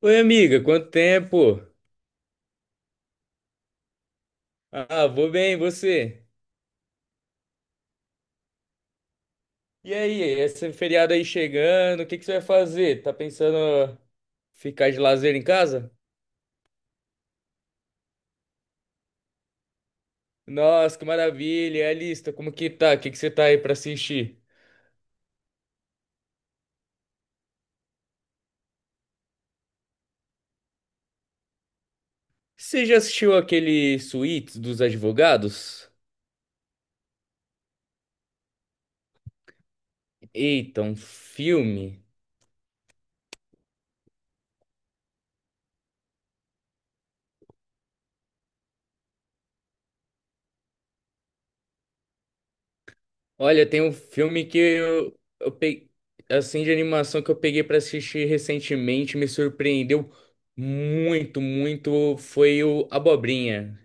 Oi, amiga, quanto tempo? Ah, vou bem, e você? E aí, esse feriado aí chegando, o que que você vai fazer? Tá pensando ficar de lazer em casa? Nossa, que maravilha! E a lista, como que tá? O que que você tá aí pra assistir? Você já assistiu aquele Suítes dos Advogados? Eita, um filme. Olha, tem um filme que eu peguei, assim, de animação que eu peguei pra assistir recentemente, me surpreendeu muito, muito, foi o Abobrinha.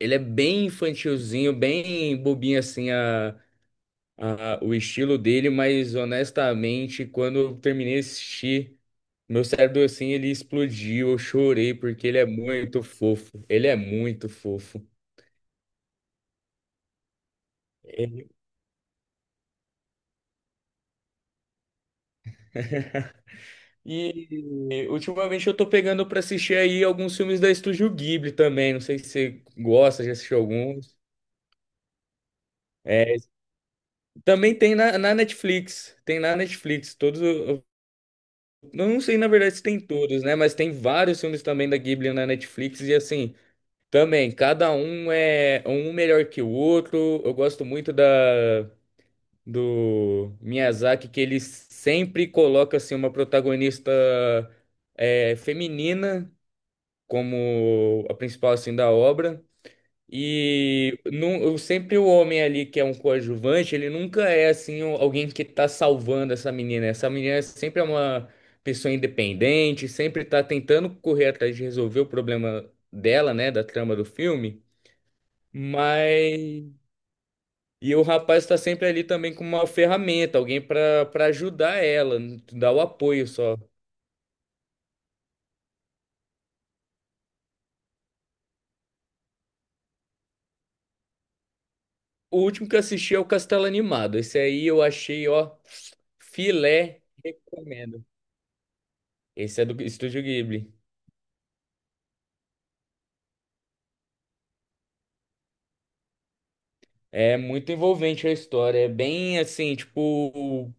Ele é bem infantilzinho, bem bobinho, assim, o estilo dele, mas honestamente, quando eu terminei de assistir, meu cérebro, assim, ele explodiu, eu chorei, porque ele é muito fofo, ele é muito fofo. Ele- E E, ultimamente eu tô pegando pra assistir aí alguns filmes da Estúdio Ghibli também. Não sei se você gosta, já assistiu alguns. É, também tem na Netflix. Tem na Netflix. Todos. Eu não sei, na verdade, se tem todos, né? Mas tem vários filmes também da Ghibli na Netflix. E assim, também, cada um é um melhor que o outro. Eu gosto muito da, do Miyazaki, que ele sempre coloca assim, uma protagonista é, feminina como a principal assim da obra. E eu sempre o homem ali que é um coadjuvante, ele nunca é assim alguém que tá salvando essa menina. Essa menina sempre é uma pessoa independente, sempre tá tentando correr atrás de resolver o problema dela, né, da trama do filme. Mas e o rapaz tá sempre ali também com uma ferramenta, alguém pra para ajudar ela, dar o apoio só. O último que eu assisti é o Castelo Animado. Esse aí eu achei, ó, filé, recomendo. Esse é do Estúdio Ghibli. É muito envolvente a história. É bem assim, tipo,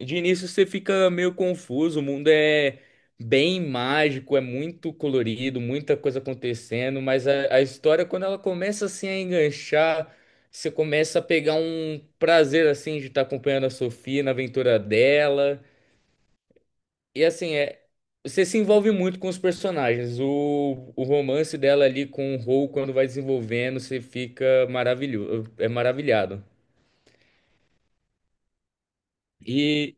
de início você fica meio confuso. O mundo é bem mágico, é muito colorido, muita coisa acontecendo. Mas a história, quando ela começa assim a enganchar, você começa a pegar um prazer assim de estar acompanhando a Sofia na aventura dela. E assim, é, você se envolve muito com os personagens. O romance dela ali com o Rou, quando vai desenvolvendo, você fica maravilhoso, é maravilhado. E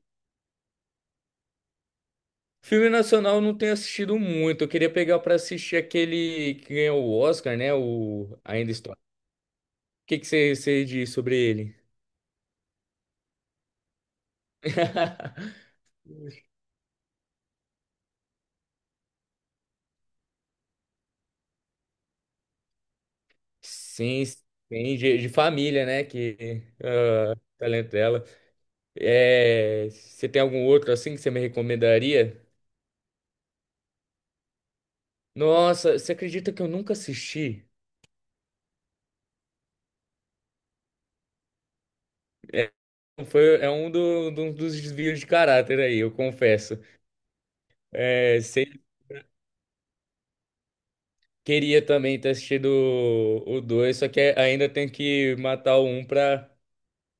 filme nacional eu não tenho assistido muito. Eu queria pegar pra assistir aquele que ganhou o Oscar, né? O Ainda Estou. O que que você diz sobre ele? Sim, sim, de família, né? Que ah, talento dela. É, você tem algum outro assim que você me recomendaria? Nossa, você acredita que eu nunca assisti? É, foi, é um dos desvios de caráter aí, eu confesso. É, você queria também ter assistido o 2, só que é, ainda tem que matar o um pra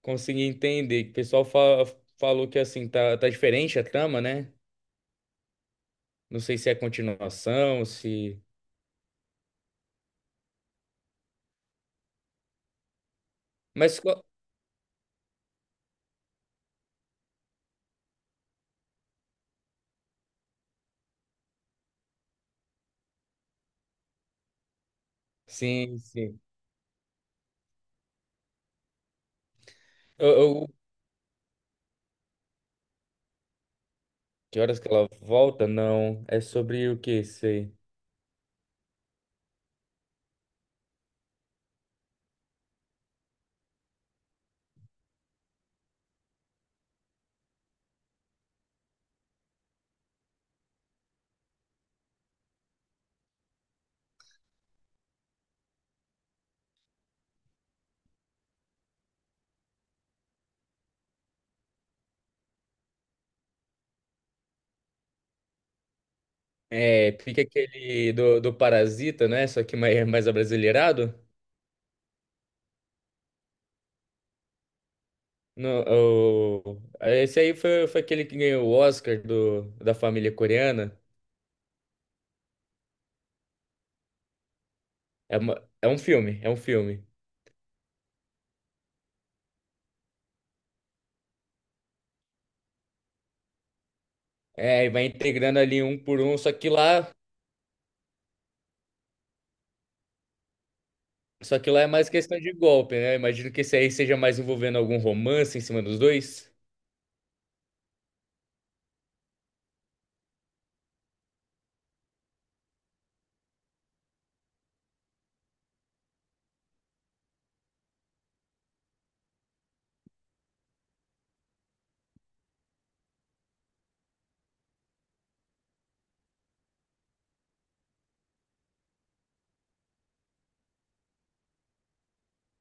conseguir entender. O pessoal falou que assim, tá, tá diferente a trama, né? Não sei se é continuação, se. Mas. Sim, sim. Eu, eu- Que horas que ela volta? Não. É sobre o que isso aí? É, fica aquele do Parasita, né? Só que mais, mais abrasileirado. No, esse aí foi, foi aquele que ganhou o Oscar do, da família coreana. É, é um filme, é um filme. É, e vai integrando ali um por um, só que lá é mais questão de golpe, né? Imagino que esse aí seja mais envolvendo algum romance em cima dos dois.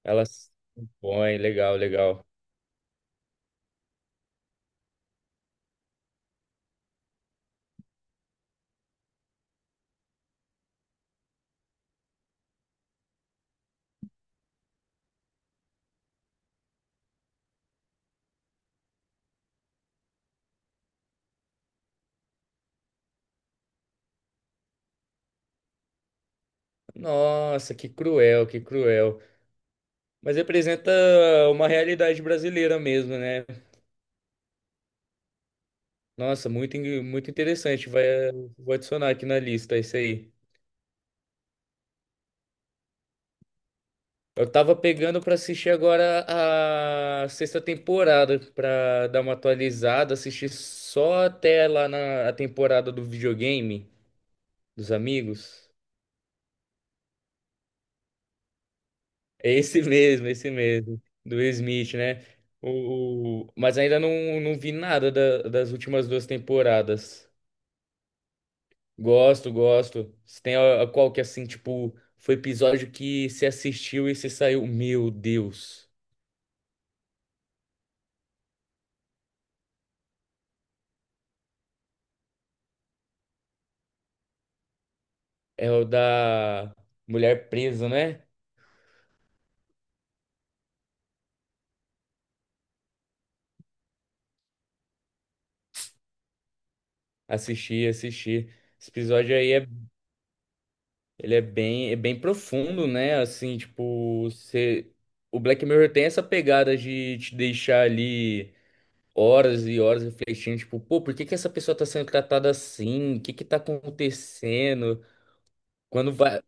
Elas põem, legal, legal. Nossa, que cruel, que cruel. Mas representa uma realidade brasileira mesmo, né? Nossa, muito, muito interessante. Vai, vou adicionar aqui na lista isso aí. Eu tava pegando pra assistir agora a sexta temporada pra dar uma atualizada, assistir só até lá na a temporada do videogame dos amigos. É esse mesmo, esse mesmo, do Smith, né? Mas ainda não, não vi nada das últimas duas temporadas. Gosto, gosto. Se tem a qual que é assim, tipo, foi episódio que se assistiu e se saiu. Meu Deus. É o da mulher presa, né? Assisti, assisti. Esse episódio aí é, ele é bem profundo, né? Assim, tipo, você, o Black Mirror tem essa pegada de te deixar ali horas e horas refletindo, tipo, pô, por que que essa pessoa tá sendo tratada assim? O que que tá acontecendo? Quando vai,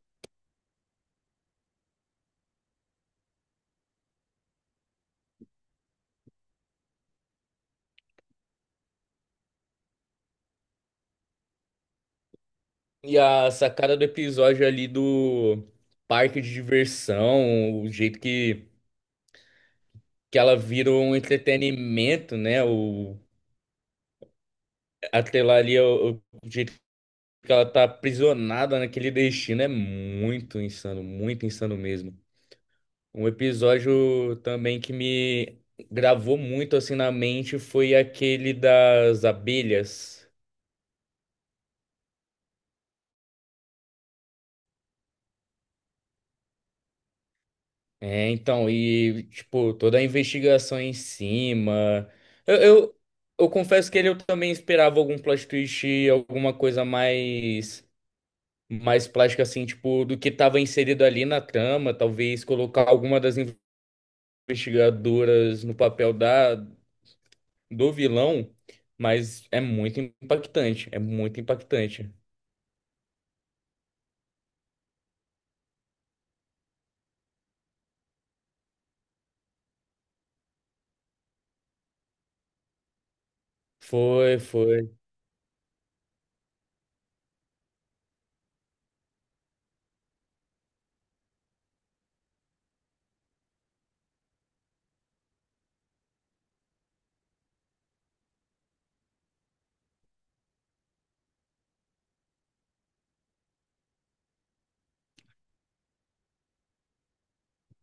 e a sacada do episódio ali do parque de diversão, o jeito que ela vira um entretenimento, né? O, até lá ali, é o jeito que ela tá aprisionada naquele destino é muito insano mesmo. Um episódio também que me gravou muito assim na mente foi aquele das abelhas. É, então, e, tipo, toda a investigação em cima. Eu, eu, eu confesso que ele eu também esperava algum plot twist, alguma coisa mais, mais plástica, assim, tipo, do que estava inserido ali na trama. Talvez colocar alguma das investigadoras no papel da, do vilão, mas é muito impactante, é muito impactante. Foi, foi.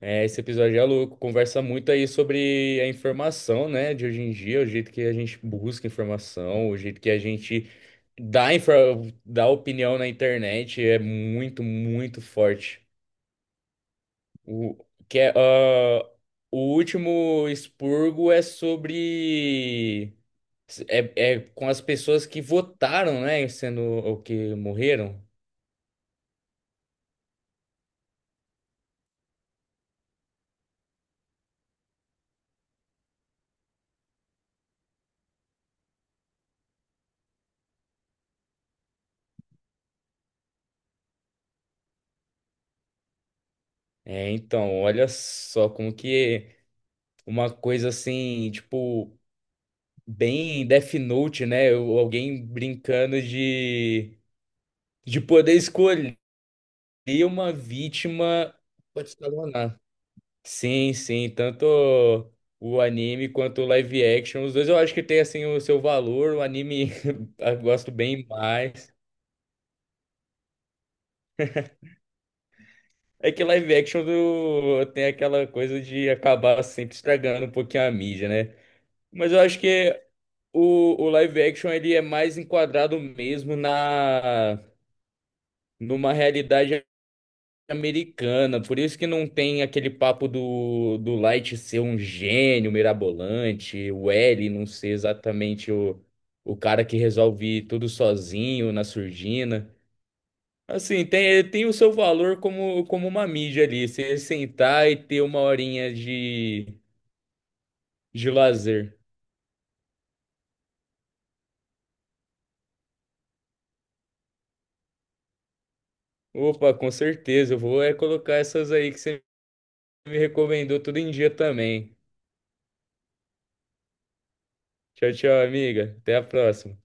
É, esse episódio é louco, conversa muito aí sobre a informação, né, de hoje em dia, o jeito que a gente busca informação, o jeito que a gente dá, dá opinião na internet é muito, muito forte. O, que é, ah, o último expurgo é sobre... É, é com as pessoas que votaram, né, sendo o que morreram. É, então, olha só como que uma coisa assim, tipo... bem Death Note, né? Ou alguém brincando de poder escolher uma vítima pra te escalonar. Sim, sim, tanto o anime quanto o live action, os dois eu acho que tem assim o seu valor, o anime eu gosto bem mais. É que live action do... tem aquela coisa de acabar sempre estragando um pouquinho a mídia, né? Mas eu acho que o live action ele é mais enquadrado mesmo na numa realidade americana, por isso que não tem aquele papo do, do Light ser um gênio mirabolante, o L não ser exatamente o cara que resolve tudo sozinho na surdina. Assim, tem, tem o seu valor como, como uma mídia ali, você sentar e ter uma horinha de lazer. Opa, com certeza, eu vou é colocar essas aí que você me recomendou tudo em dia também. Tchau, tchau, amiga. Até a próxima.